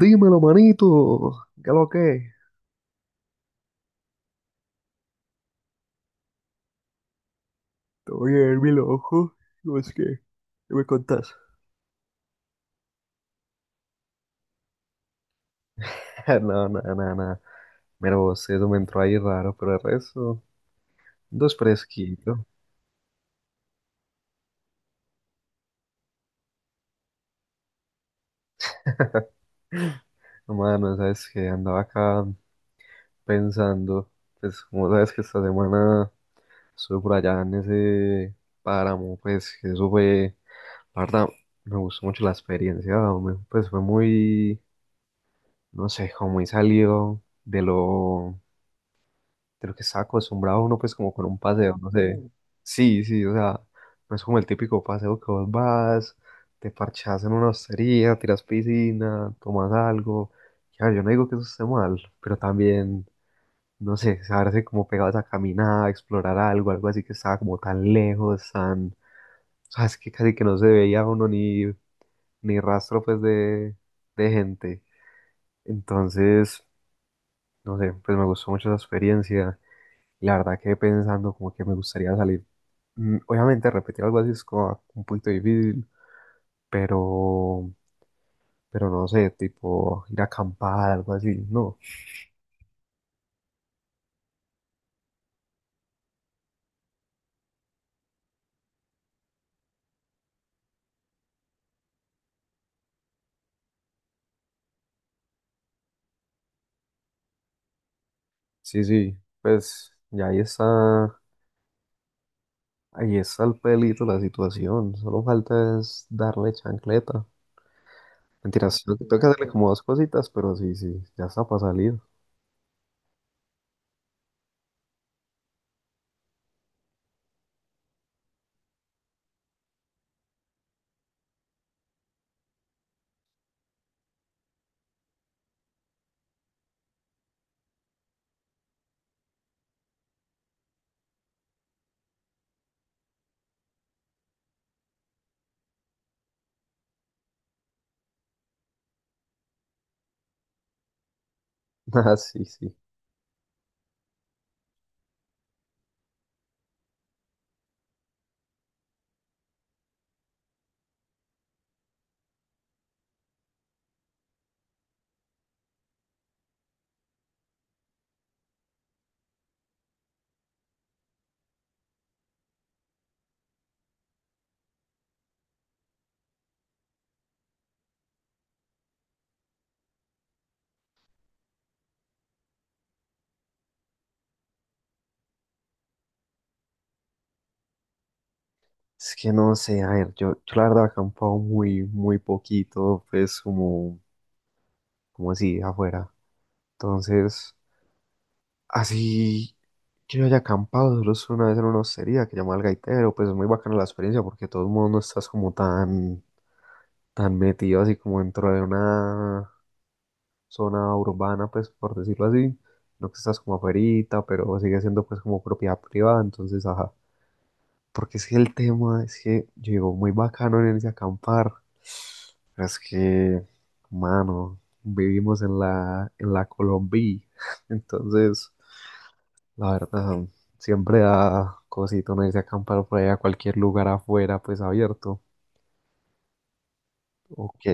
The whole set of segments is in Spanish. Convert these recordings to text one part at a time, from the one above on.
Dímelo, manito. ¿Qué lo que? Te voy a ver mi ojo. No es que, ¿qué me contás? No, no, no, no. Mira vos, eso me entró ahí raro, pero el resto, dos fresquito. No, mano, sabes que andaba acá pensando, pues como sabes que esta semana estuve por allá en ese páramo, pues que eso fue, la verdad, me gustó mucho la experiencia, hombre, pues fue muy, no sé, como muy salido de lo que estaba acostumbrado uno, pues como con un paseo, no sé. Sí, sí, o sea, no es como el típico paseo que vos vas, te parchás en una hostería, tiras piscina, tomas algo. Ya, yo no digo que eso esté mal, pero también, no sé, saberse como pegados a caminar, a explorar algo, algo así que estaba como tan lejos, tan, sabes que casi que no se veía uno ni, rastro, pues, de gente. Entonces, no sé, pues me gustó mucho esa experiencia. Y la verdad quedé pensando como que me gustaría salir. Obviamente repetir algo así es como un poquito difícil, pero, pero no sé, tipo ir a acampar, algo así, no. Sí, sí, pues ya ahí está, el pelito la situación, solo falta es darle chancleta. Mentiras, tengo que hacerle como dos cositas, pero sí, sí, ya está para salir. Ah, sí, sí. Es que no sé, a ver, yo la verdad he acampado muy, muy poquito, pues como así, afuera. Entonces, así que yo haya acampado, solo es una vez en una hostería que llamaba el gaitero, pues es muy bacana la experiencia porque de todos modos no estás como tan, tan metido así como dentro de una zona urbana, pues por decirlo así, no que estás como afuerita, pero sigue siendo pues como propiedad privada, entonces, ajá. Porque es que el tema es que yo digo, muy bacano en irse a acampar, pero es que, mano, vivimos en la Colombia, entonces... La verdad, siempre da cosito no irse a acampar por ahí a cualquier lugar afuera, pues abierto. Ok.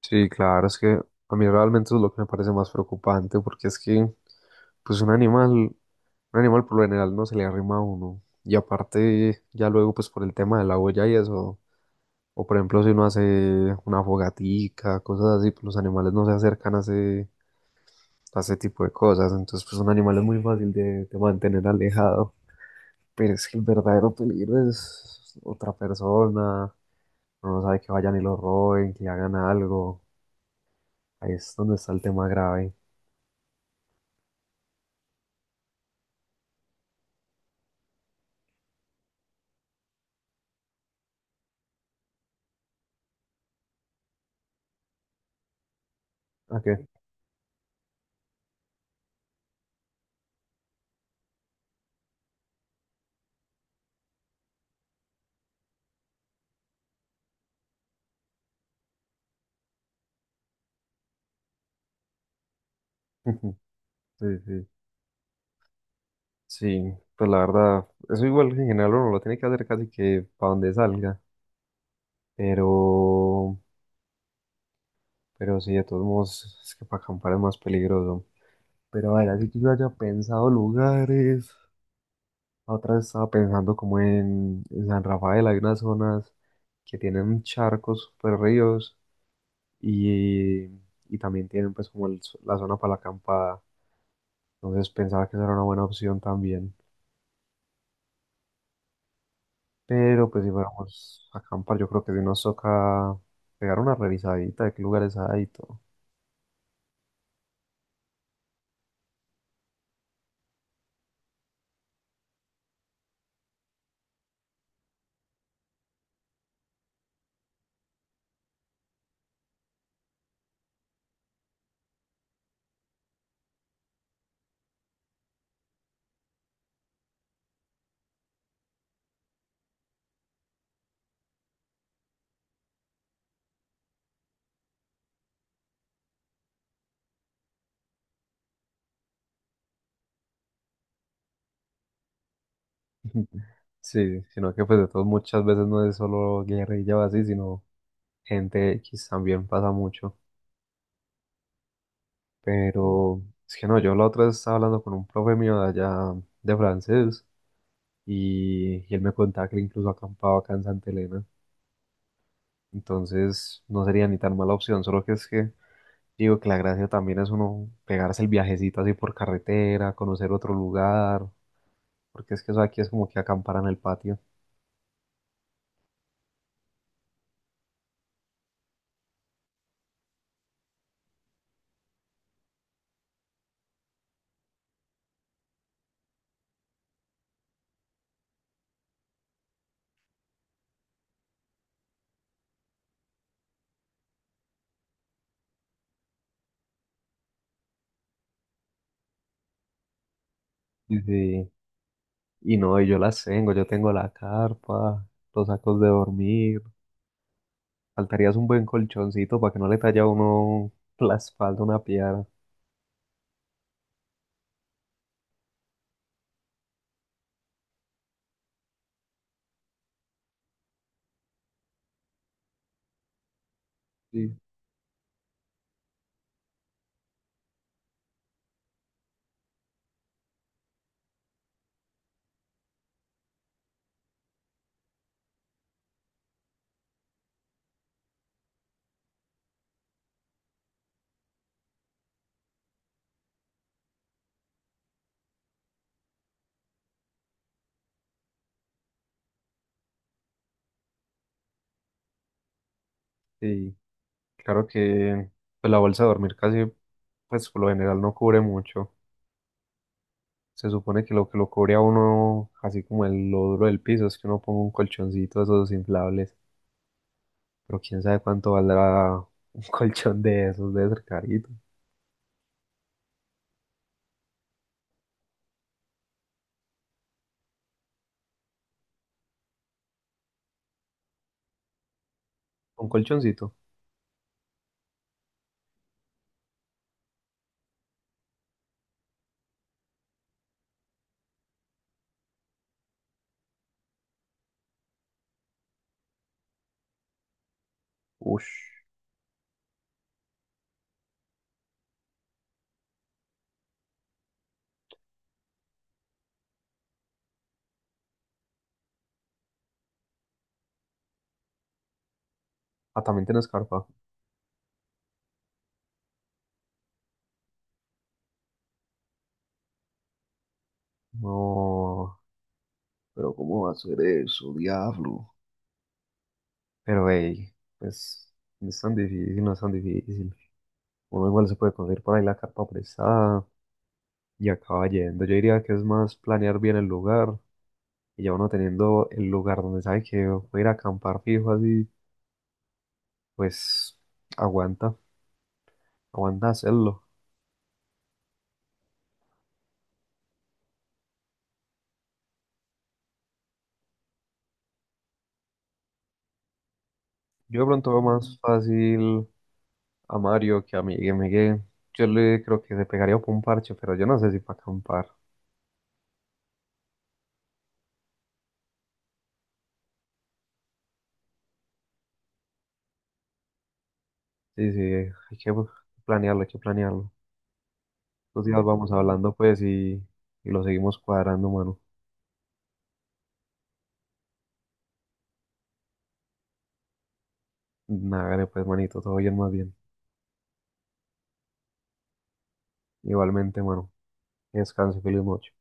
Sí, claro, es que a mí realmente es lo que me parece más preocupante, porque es que, pues un animal por lo general no se le arrima a uno. Y aparte, ya luego, pues por el tema de la huella y eso, o por ejemplo, si uno hace una fogatica, cosas así, pues los animales no se acercan a ese tipo de cosas. Entonces, pues un animal es muy fácil de mantener alejado. Pero es que el verdadero peligro es otra persona, uno no sabe que vayan y lo roben, que hagan algo. Ahí es donde está el tema grave. Ok. Sí, sí. Sí, pues la verdad, eso igual en general uno lo tiene que hacer casi que para donde salga. Pero, pero sí, de todos modos, es que para acampar es más peligroso. Pero a ver, así que yo haya pensado lugares. La otra vez estaba pensando como en, San Rafael, hay unas zonas que tienen charcos, super ríos y, y también tienen pues como el la zona para la acampada. Entonces pensaba que esa era una buena opción también. Pero pues si fuéramos a acampar, yo creo que si nos toca pegar una revisadita de qué lugares hay y todo. Sí, sino que pues de todos muchas veces no es solo guerrilla o así, sino gente X también pasa mucho. Pero es que no, yo la otra vez estaba hablando con un profe mío de allá de francés y él me contaba que él incluso acampaba acá en Santa Elena. Entonces no sería ni tan mala opción, solo que es que digo que la gracia también es uno pegarse el viajecito así por carretera, conocer otro lugar, porque es que eso aquí es como que acampar en el patio. Y, sí, y no, y yo tengo la carpa, los sacos de dormir, faltarías un buen colchoncito para que no le talle a uno la espalda una piedra. Sí, sí, claro que pues, la bolsa de dormir casi, pues por lo general no cubre mucho. Se supone que lo cubre a uno, así como el lodro del piso, es que uno ponga un colchoncito de esos inflables. Pero quién sabe cuánto valdrá un colchón de esos, debe ser carito. Un colchoncito. Ush. Ah, también tiene escarpa. No, pero ¿cómo va a ser eso, diablo? Pero hey, pues no es tan difícil, no es tan difícil. Uno igual se puede conseguir por ahí la carpa prestada y acaba yendo. Yo diría que es más planear bien el lugar y ya uno teniendo el lugar donde sabe que voy a ir a acampar fijo así, pues aguanta, aguanta hacerlo. Yo de pronto veo más fácil a Mario que a Miguel. Miguel, yo le creo que se pegaría por un parche, pero yo no sé si para acampar. Sí, sí, hay que planearlo, hay que planearlo. Los días vamos hablando pues y, lo seguimos cuadrando, mano. Nada, pues manito, todo bien más bien. Igualmente, mano. Que descanse, feliz noche.